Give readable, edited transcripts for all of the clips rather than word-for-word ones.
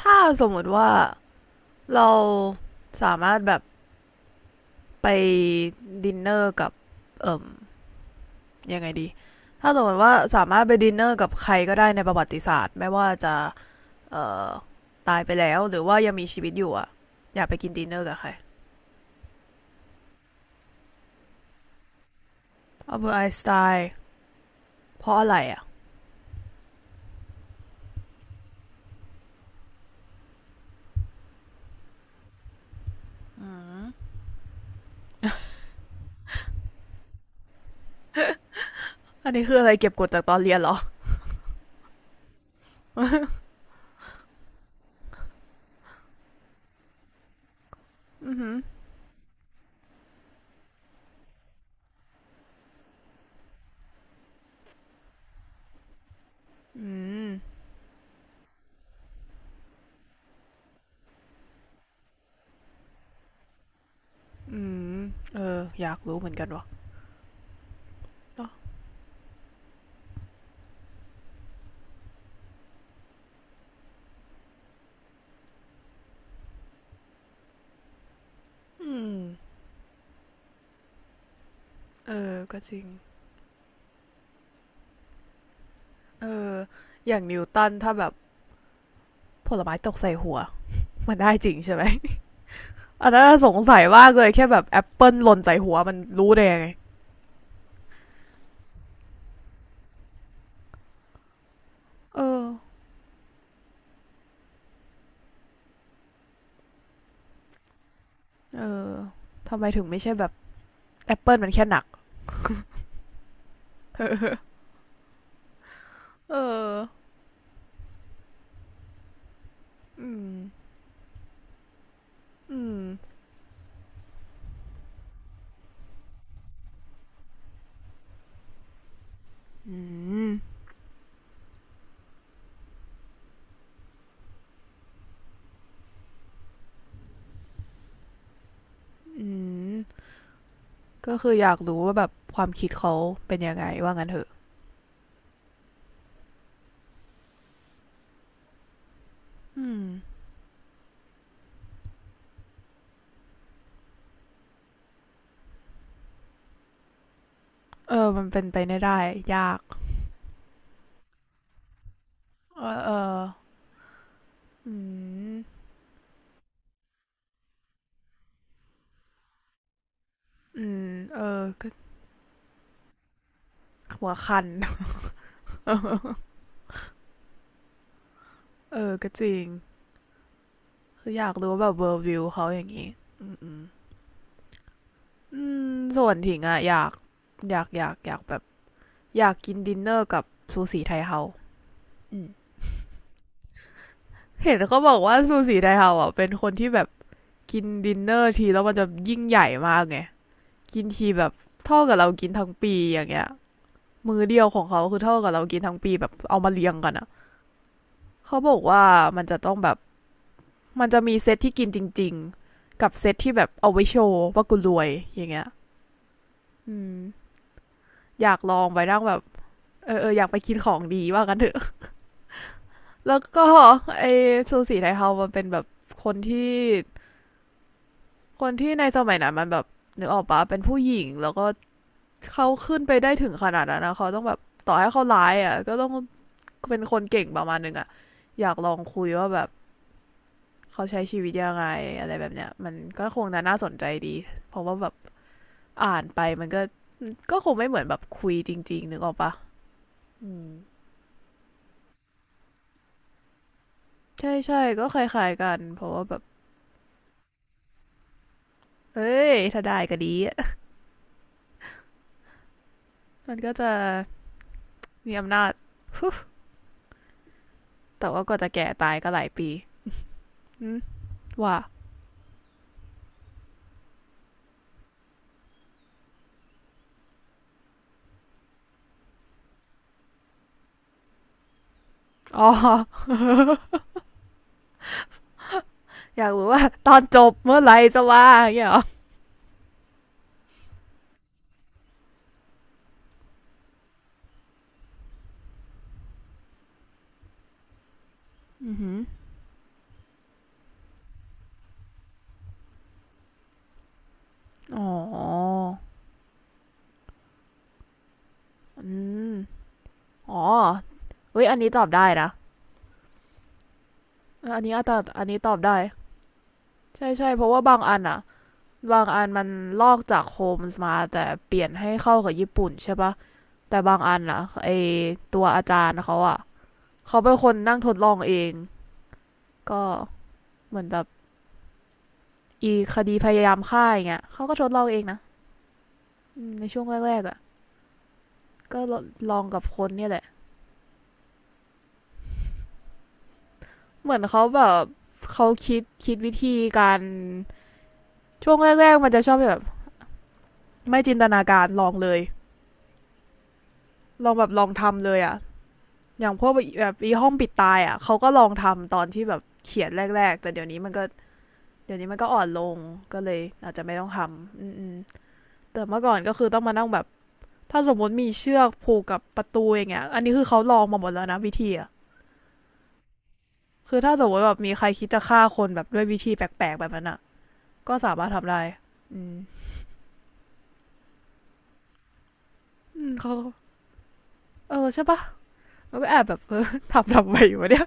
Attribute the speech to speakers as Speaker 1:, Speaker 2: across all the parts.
Speaker 1: ถ้าสมมติว่าเราสามารถแบบไปดินเนอร์กับเอ่ยังไงดี ถ้าสมมติว่าสามารถไปดินเนอร์กับใครก็ได้ในประวัติศาสตร์ไม่ว่าจะเอ่อตายไปแล้วหรือว่ายังมีชีวิตอยู่อะอยากไปกินดินเนอร์กับใครอัลเบอร์ตไอน์สไตน์เพราะอะไรอะ อันนี้คืออะไรเก็บกดจากตอนเรียนเหรอืมอืมอืมเอออยากรู้เหมือนกันวะเนอะอืมเออก็จริงเอออย่างนิวตันถ้าแบบผลไม้ตกใส่หัว มันได้จริงใช่ไหมอันนั้นสงสัยมากเลยแค่แบบแอปเปิลหล่นใส่หัวมันรู้ได้ยังไง เออ เออ ทำไมถึงไม่ใช่แบบแอปเปิลมันแค่หนักเออเอออืมอืมอืมอืมก็คืออยากรู้ว่าแบบความคิดเขาเป็นยังไงว่างั้นเถอะอืมเออมันเป็นไปไม่ได้ยากเออเอออืมอืมเออก็หัวคัน เออก็จริง คืออยากรู้ว่าแบบเวอร์วิวเขาอย่างนี้อืม อืมส่วนถิงอะอยากแบบอยากกินดินเนอร์กับซูสีไทเฮาอืมเห็นเขาบอกว่าซูสีไทเฮาอะเป็นคนที่แบบกินดินเนอร์ทีแล้วมันจะยิ่งใหญ่มากไงกินทีแบบเท่ากับเรากินทั้งปีอย่างเงี้ยมือเดียวของเขาคือเท่ากับเรากินทั้งปีแบบเอามาเรียงกันอะเขาบอกว่ามันจะต้องแบบมันจะมีเซตที่กินจริงๆกับเซตที่แบบเอาไว้โชว์ว่ากูรวยอย่างเงี้ยอืมอยากลองไปนั่งแบบเออเอออยากไปกินของดีว่ากันเถอะ แล้วก็ไอซูสีไทเฮามันเป็นแบบคนที่คนที่ในสมัยนั้นมันแบบนึกออกปะเป็นผู้หญิงแล้วก็เขาขึ้นไปได้ถึงขนาดนั้นนะเขาต้องแบบต่อให้เขาร้ายอ่ะก็ต้องเป็นคนเก่งประมาณนึงอ่ะอยากลองคุยว่าแบบเขาใช้ชีวิตยังไงอะไรแบบเนี้ยมันก็คงน่าน่าสนใจดีเพราะว่าแบบอ่านไปมันก็ก็คงไม่เหมือนแบบคุยจริงๆนึกออกปะอืมใช่ใช่ก็คล้ายๆกันเพราะว่าแบบเอ้ยถ้าได้ก็ดีอะมันก็จะ มีอำนาจ แต่ว่าก็จะแก่ตายก็หลายปีว่าอ๋อ อยากรู้ว่าตอนจบเมื่อไหร่จะว่าอย่างเงี้ยเหรออ๋ออืมอ๋อเว้ยอันนี้ตอบได้นะออันนี้อาจจะอันนี้ตอบได้ใช่ใช่เพราะว่าบางอันอะบางอันมันลอกจากโฮมส์มาแต่เปลี่ยนให้เข้ากับญี่ปุ่นใช่ปะแต่บางอันอะไอตัวอาจารย์เขาอะเขาเป็นคนนั่งทดลองเองก็เหมือนแบบอีคดีพยายามฆ่าอย่างเงี้ยเขาก็ทดลองเองนะ อืมในช่วงแรกๆอ่ะก็ลองกับคนเนี่ยแหละเหมือนเขาแบบเขาคิดวิธีการช่วงแรกๆมันจะชอบแบบไม่จินตนาการลองเลยลองแบบลองทำเลยอ่ะอย่างพวกแบบอีห้องปิดตายอ่ะเขาก็ลองทำตอนที่แบบเขียนแรกๆแต่เดี๋ยวนี้มันก็เดี๋ยวนี้มันก็อ่อนลงก็เลยอาจจะไม่ต้องทำอืมแต่เมื่อก่อนก็คือต้องมานั่งแบบถ้าสมมติมีเชือกผูกกับประตูอย่างเงี้ยอันนี้คือเขาลองมาหมดแล้วนะวิธีอ่ะคือถ้าสมมติแบบมีใครคิดจะฆ่าคนแบบด้วยวิธีแปลกๆแบบนั้นอะ ก็สามารถทำได้อืมอืมเขา เออใช่ปะมันก็แอบแบบเออ ทำไปอยู่วะเนี่ย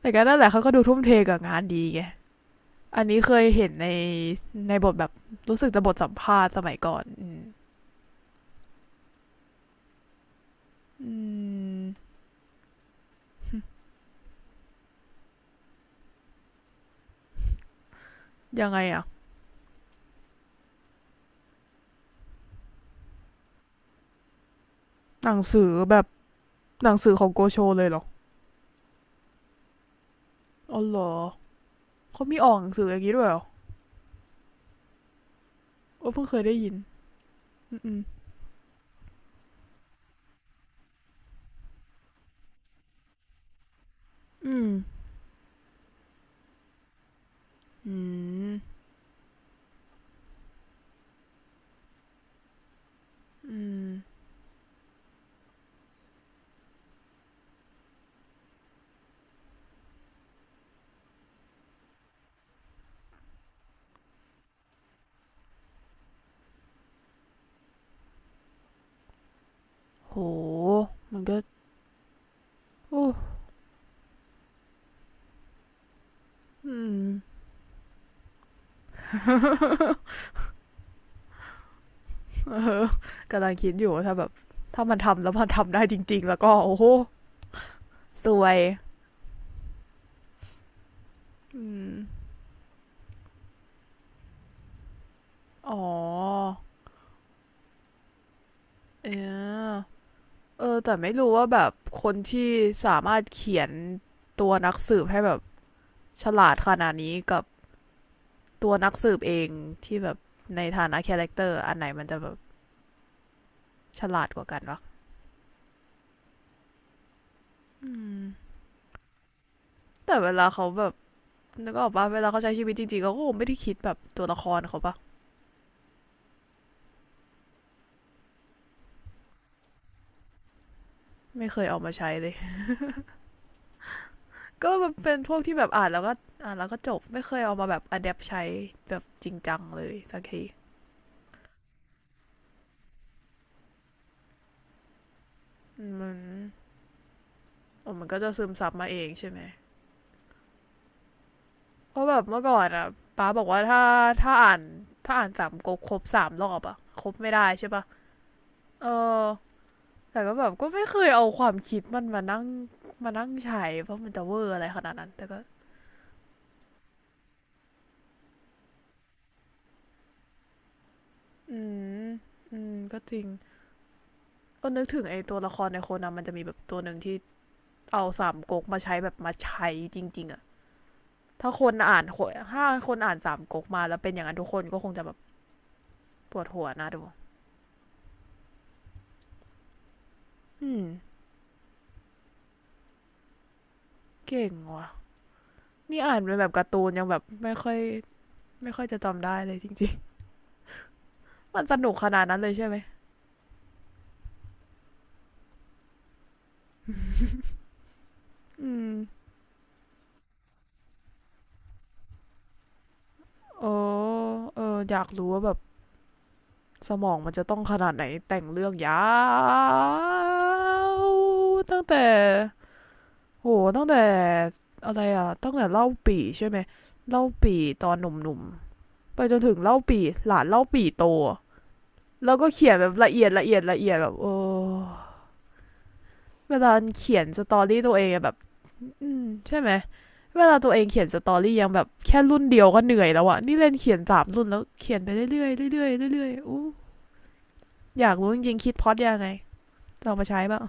Speaker 1: แต่ก็นั่นแหละเขาก็ดูทุ่มเทกับงานดีไง อันนี้เคยเห็นในในบทแบบ รู้สึกจะบทสัมภาษณ์สมัยก่อน อืมอยังไงอะหนังสือแบบหนังสือของโกโชเลยเหรออ๋อเหรอเขามีออกหนังสืออย่างนี้ด้วยเหรอโอ้เพิ่งเคยได้ยินอือืมอืมอืมอืมโหมันก็โอ้อืม กำลังคิดอยู่ว่าถ้าแบบถ้ามันทำแล้วมันทำได้จริงๆแล้วก็โอ้โหสวยอืมอ๋อเออเออแต่ไม่รู้ว่าแบบคนที่สามารถเขียนตัวนักสืบให้แบบฉลาดขนาดนี้กับตัวนักสืบเองที่แบบในฐานะคาแรคเตอร์อันไหนมันจะแบบฉลาดกว่ากันวะอืมแต่เวลาเขาแบบนึกออกปะเวลาเขาใช้ชีวิตจริงๆเขาก็คงไม่ได้คิดแบบตัวละครเขาปะไม่เคยเอามาใช้เลย ก็แบบเป็นพวกที่แบบอ่านแล้วก็จบไม่เคยเอามาแบบอัดแอปใช้แบบจริงจังเลยสักทีมันมันก็จะซึมซับมาเองใช่ไหมเพราะแบบเมื่อก่อนอ่ะป้าบอกว่าถ้าอ่านถ้าอ่านสามก๊กครบ3 รอบอ่ะครบไม่ได้ใช่ปะเออแต่ก็แบบก็ไม่เคยเอาความคิดมันมานั่งใช้เพราะมันจะเวอร์อะไรขนาดนั้นแต่ก็อืมอืมก็จริงก็นึกถึงไอ้ตัวละครในโคนันมันจะมีแบบตัวหนึ่งที่เอาสามก๊กมาใช้แบบมาใช้จริงๆอะ ถ้าคนอ่านถ้าคนอ่านสามก๊กมาแล้วเป็นอย่างนั้นทุกคนก็คงจะแบบปวดหัวนะดูอืมเก่งว่ะนี่อ่านเป็นแบบการ์ตูนยังแบบไม่ค่อยจะจำได้เลยจริงๆ มันสนุกขนาดนั้นเลยใช่ไหมอืมโอ้เอออยากรู้ว่าแบบสมองมันจะต้องขนาดไหนแต่งเรื่องยาวตั้งแต่โหตั้งแต่อะไรอ่ะตั้งแต่เล่าปีใช่ไหมเล่าปีตอนหนุ่มๆไปจนถึงเล่าปีหลานเล่าปีโต แล้วก็เขียนแบบละเอียดละเอียดละเอียดแบบโอ้เวลาเขียนสตอรี่ตัวเองอะแบบอืมใช่ไหมเวลาตัวเองเขียนสตอรี่ยังแบบแค่รุ่นเดียวก็เหนื่อยแล้วอะนี่เล่นเขียน3 รุ่นแล้วเขียนไปเรื่อยเรื่อยเรื่อยเรื่อยอู้อยากรู้จริงๆคิดพอดยังไงลองมาใช้บ้าง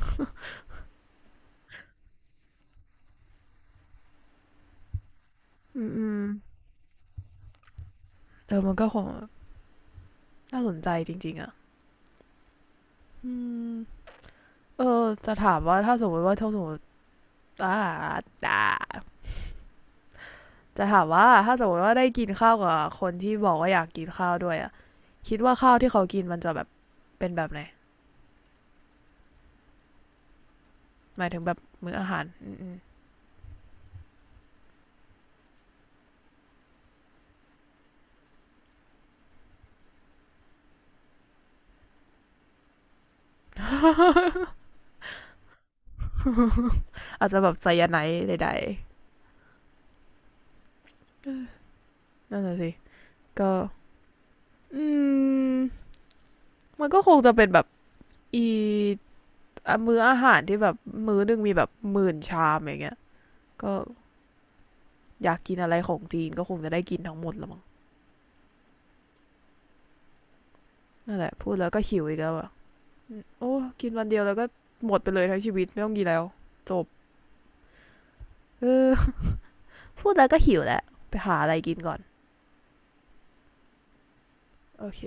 Speaker 1: อืมเออมันก็คงน่าสนใจจริงๆอะอืมเออจะถามว่าถ้าสมมติว่าถ้าสมมติอ่าจะถามว่าถ้าสมมติว่าได้กินข้าวกับคนที่บอกว่าอยากกินข้าวด้วยอะคิดว่าข้าวที่เขากินมันจะแบบ เป็นแบบไหนหมายถึงแบบมื้ออาหารออาจจะแบบไซยาไนด์ใดๆนั่นน่ะสิก็อืมมันก็คงจะเป็นแบบอีมื้ออาหารที่แบบมื้อหนึงมีแบบ10,000 ชามอย่างเงี้ยก็อยากกินอะไรของจีนก็คงจะได้กินทั้งหมดละมั้งนั่นแหละพูดแล้วก็หิวอีกแล้วอ่ะโอ้กินวันเดียวแล้วก็หมดไปเลยทั้งชีวิตไม่ต้องกินแล้วจบเออพูดแล้วก็หิวแล้วไปหาอะไรกินก่อนโอเค